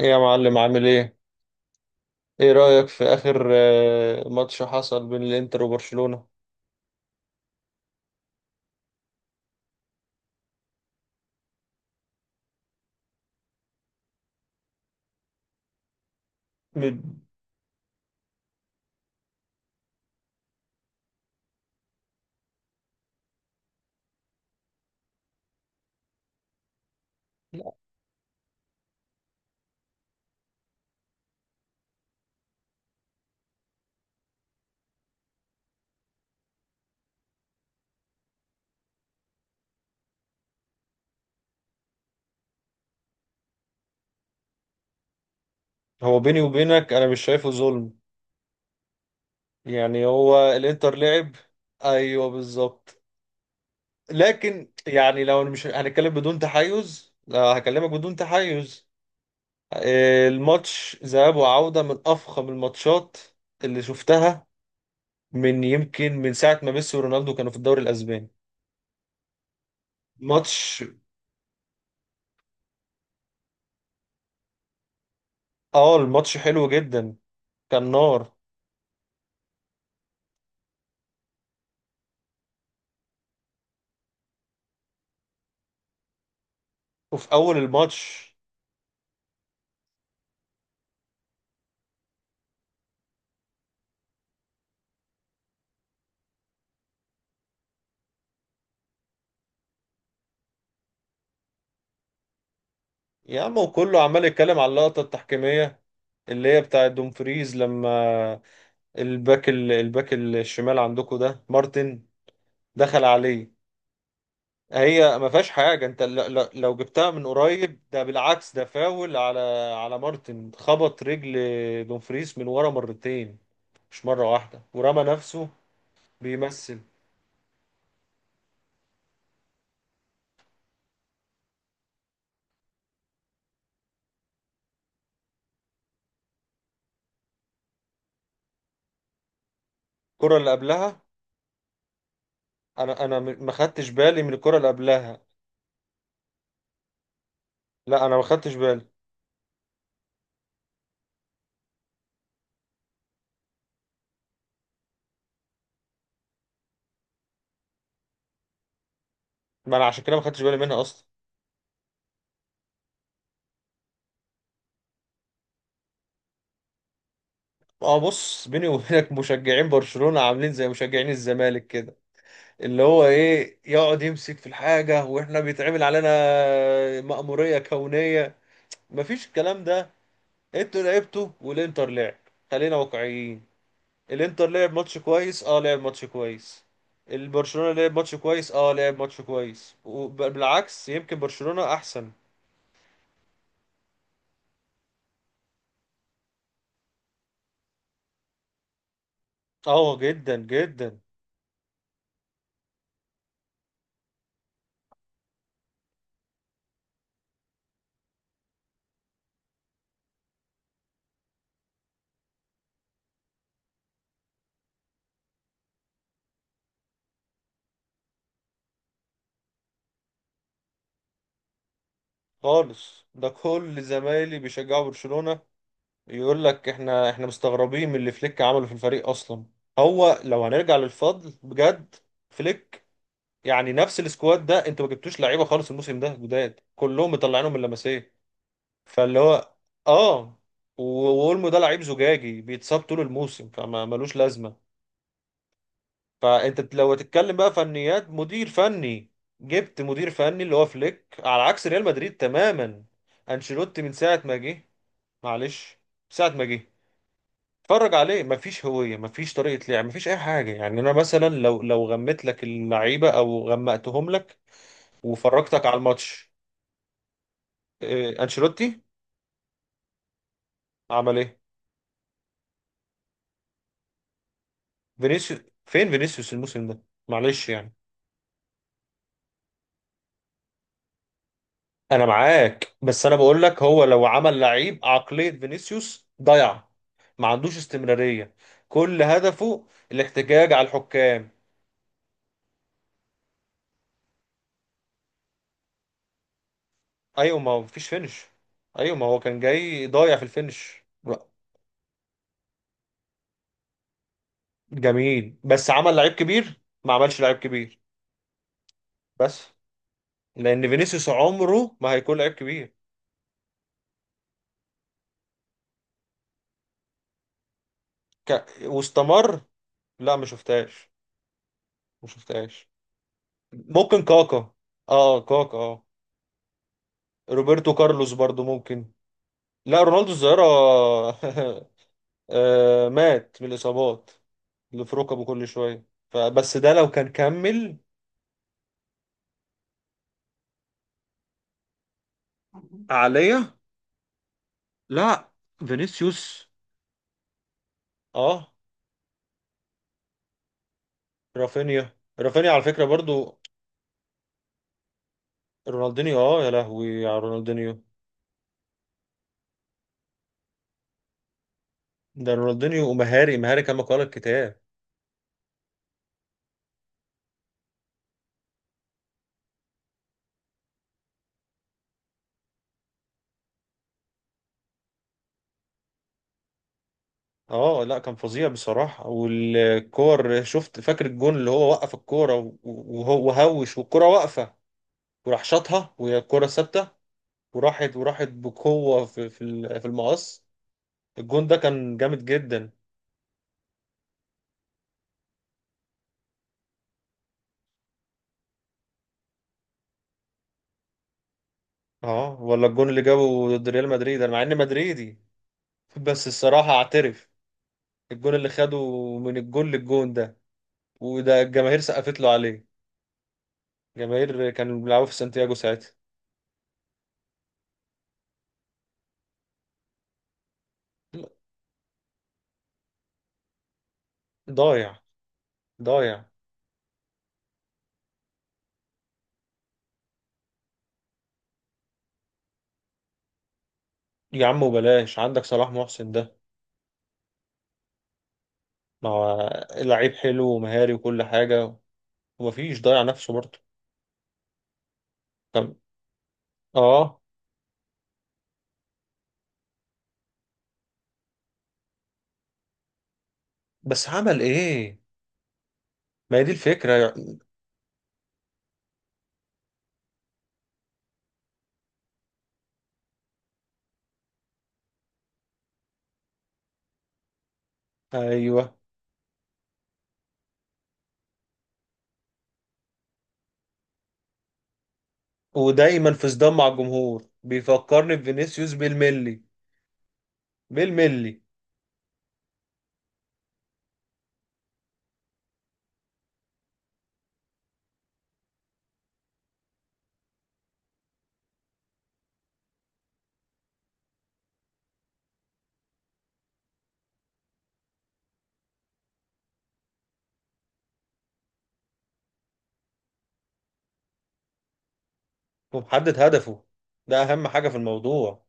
ايه يا معلم، عامل ايه؟ ايه رأيك في آخر ماتش حصل بين الانتر وبرشلونة؟ بد- هو بيني وبينك انا مش شايفه ظلم. يعني هو الانتر لعب. ايوه بالظبط. لكن يعني لو مش هنتكلم بدون تحيز، لا هكلمك بدون تحيز. الماتش ذهاب وعودة من افخم الماتشات اللي شفتها، من يمكن من ساعة ما ميسي ورونالدو كانوا في الدوري الاسباني. ماتش. اه الماتش حلو جدا، كان نار. وفي اول الماتش، يا عم وكله عمال يتكلم على اللقطه التحكيميه اللي هي بتاعه دومفريز، لما الباك الباك الشمال عندكم ده مارتن دخل عليه. هي ما فيهاش حاجه، انت لو جبتها من قريب ده بالعكس، ده فاول على على مارتن. خبط رجل دومفريز من ورا مرتين، مش مره واحده، ورمى نفسه بيمثل. الكره اللي قبلها، انا ما خدتش بالي من الكره اللي قبلها. لا انا ما خدتش بالي. ما انا عشان كده ما خدتش بالي منها اصلا. اه بص، بيني وبينك مشجعين برشلونة عاملين زي مشجعين الزمالك كده، اللي هو ايه، يقعد يمسك في الحاجة واحنا بيتعمل علينا مأمورية كونية. مفيش الكلام ده. انتوا لعبتوا والانتر لعب. خلينا واقعيين، الانتر لعب ماتش كويس، اه لعب ماتش كويس. البرشلونة لعب ماتش كويس، اه لعب ماتش كويس، وبالعكس يمكن برشلونة احسن. اه جدا جدا. خالص، ده كل زمايلي بيشجعوا برشلونة يقول لك احنا مستغربين من اللي فليك عمله في الفريق اصلا. هو لو هنرجع للفضل بجد، فليك. يعني نفس السكواد ده، انتوا ما جبتوش لعيبه خالص الموسم ده جداد، كلهم مطلعينهم من لمسيه. فاللي هو، اه. واولمو ده لعيب زجاجي بيتصاب طول الموسم، فما ملوش لازمه. فانت لو هتتكلم بقى فنيات مدير فني، جبت مدير فني اللي هو فليك، على عكس ريال مدريد تماما. انشيلوتي من ساعه ما جه، معلش، ساعه ما جه اتفرج عليه، مفيش هوية، مفيش طريقة لعب، مفيش أي حاجة. يعني أنا مثلا لو غميت لك اللعيبة أو غمقتهم لك وفرجتك على الماتش، أنشيلوتي عمل إيه؟ فينيسيوس. فين فينيسيوس الموسم ده؟ معلش يعني. أنا معاك، بس أنا بقول لك هو لو عمل لعيب عقلية فينيسيوس ضيع. ما عندوش استمرارية، كل هدفه الاحتجاج على الحكام. أيوة ما هو مفيش فينش. أيوة ما هو كان جاي ضايع في الفينش. جميل، بس عمل لعيب كبير، ما عملش لعيب كبير. بس لان فينيسيوس عمره ما هيكون لعيب كبير. واستمر. لا ما شفتهاش. ما شفتهاش. ممكن كاكا. اه كاكا اه. روبرتو كارلوس برضو ممكن. لا رونالدو الظاهرة. مات من الإصابات اللي في ركبه كل شوية، فبس ده لو كان كمل عليا. لا فينيسيوس اه. رافينيا، رافينيا على فكرة برضو، رونالدينيو. اه يا لهوي على رونالدينيو. ده رونالدينيو، ومهاري مهاري كما قال الكتاب. اه لا كان فظيع بصراحة. والكور، شفت فاكر الجون اللي هو وقف الكورة وهو وهوش والكورة واقفة، وراح شاطها وهي الكورة ثابتة، وراحت وراحت بقوة في في المقص. الجون ده كان جامد جدا. اه ولا الجون اللي جابه ضد ريال مدريد، انا مع اني مدريدي بس الصراحة اعترف، الجون اللي خده من الجون للجون ده، وده الجماهير سقفت له عليه، جماهير كانوا بيلعبوا في سانتياغو ساعتها. ضايع، ضايع. يا عم وبلاش عندك صلاح محسن ده. ما هو لعيب حلو ومهاري وكل حاجة، ومفيش ضايع نفسه برضه. كم. اه. بس عمل ايه؟ ما هي دي الفكرة. ايوه. ودايما في صدام مع الجمهور، بيفكرني بفينيسيوس بالملي. بالملي. ومحدد هدفه، ده اهم حاجة في الموضوع.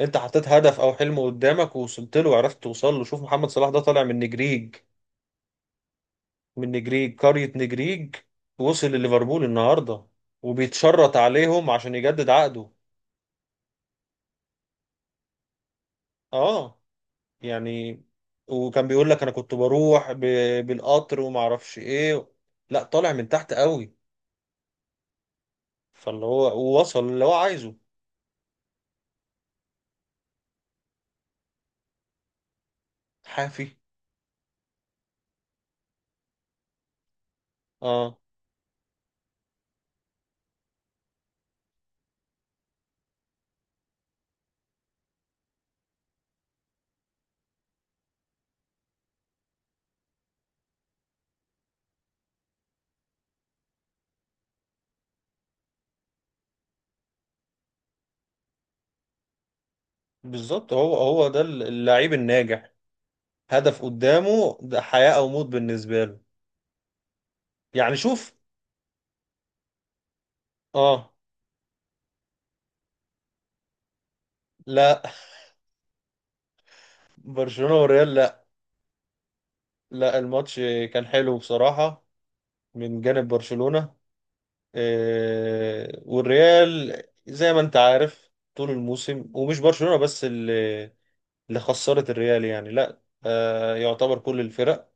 انت حطيت هدف او حلم قدامك، ووصلت له وعرفت توصل له. شوف محمد صلاح ده، طالع من نجريج، من نجريج، قرية نجريج. وصل لليفربول النهارده، وبيتشرط عليهم عشان يجدد عقده. اه يعني. وكان بيقول لك انا كنت بروح بالقطر وما اعرفش ايه. لا طالع من تحت قوي. فاللي هو وصل اللي هو عايزه. حافي. اه. بالظبط، هو هو ده اللعيب الناجح. هدف قدامه، ده حياة او موت بالنسبة له. يعني شوف. اه. لا برشلونة والريال لا. لا الماتش كان حلو بصراحة، من جانب برشلونة. والريال زي ما انت عارف طول الموسم، ومش برشلونة بس اللي اللي خسرت الريال يعني، لا يعتبر كل الفرق،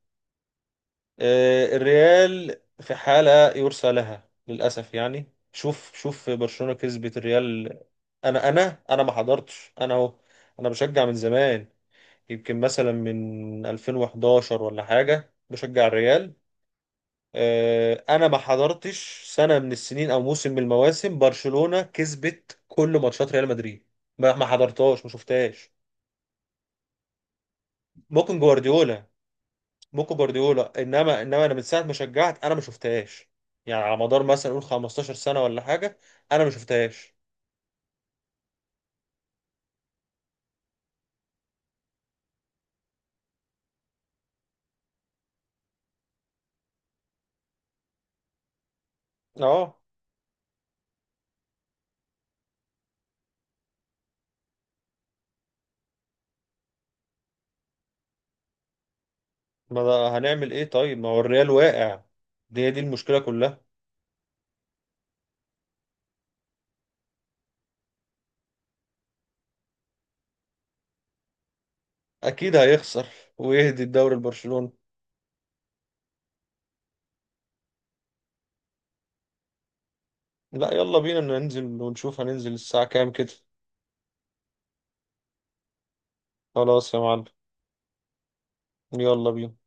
الريال في حالة يرثى لها للأسف. يعني شوف، شوف برشلونة كسبت الريال، انا ما حضرتش انا اهو. انا بشجع من زمان، يمكن مثلا من 2011 ولا حاجة بشجع الريال، انا ما حضرتش سنه من السنين او موسم من المواسم برشلونه كسبت كل ماتشات ريال مدريد. ما حضرتهاش، ما شفتهاش. ممكن جوارديولا. ممكن جوارديولا، انما انا من ساعه ما شجعت انا ما شفتهاش. يعني على مدار مثلا قول 15 سنه ولا حاجه، انا ما شفتهاش. اه. ما ده هنعمل ايه طيب، ما هو الريال واقع، دي المشكله كلها. اكيد هيخسر ويهدي الدوري لبرشلونه. لا يلا بينا ننزل ونشوف، هننزل الساعه كام كده؟ خلاص يا معلم. يلا بينا.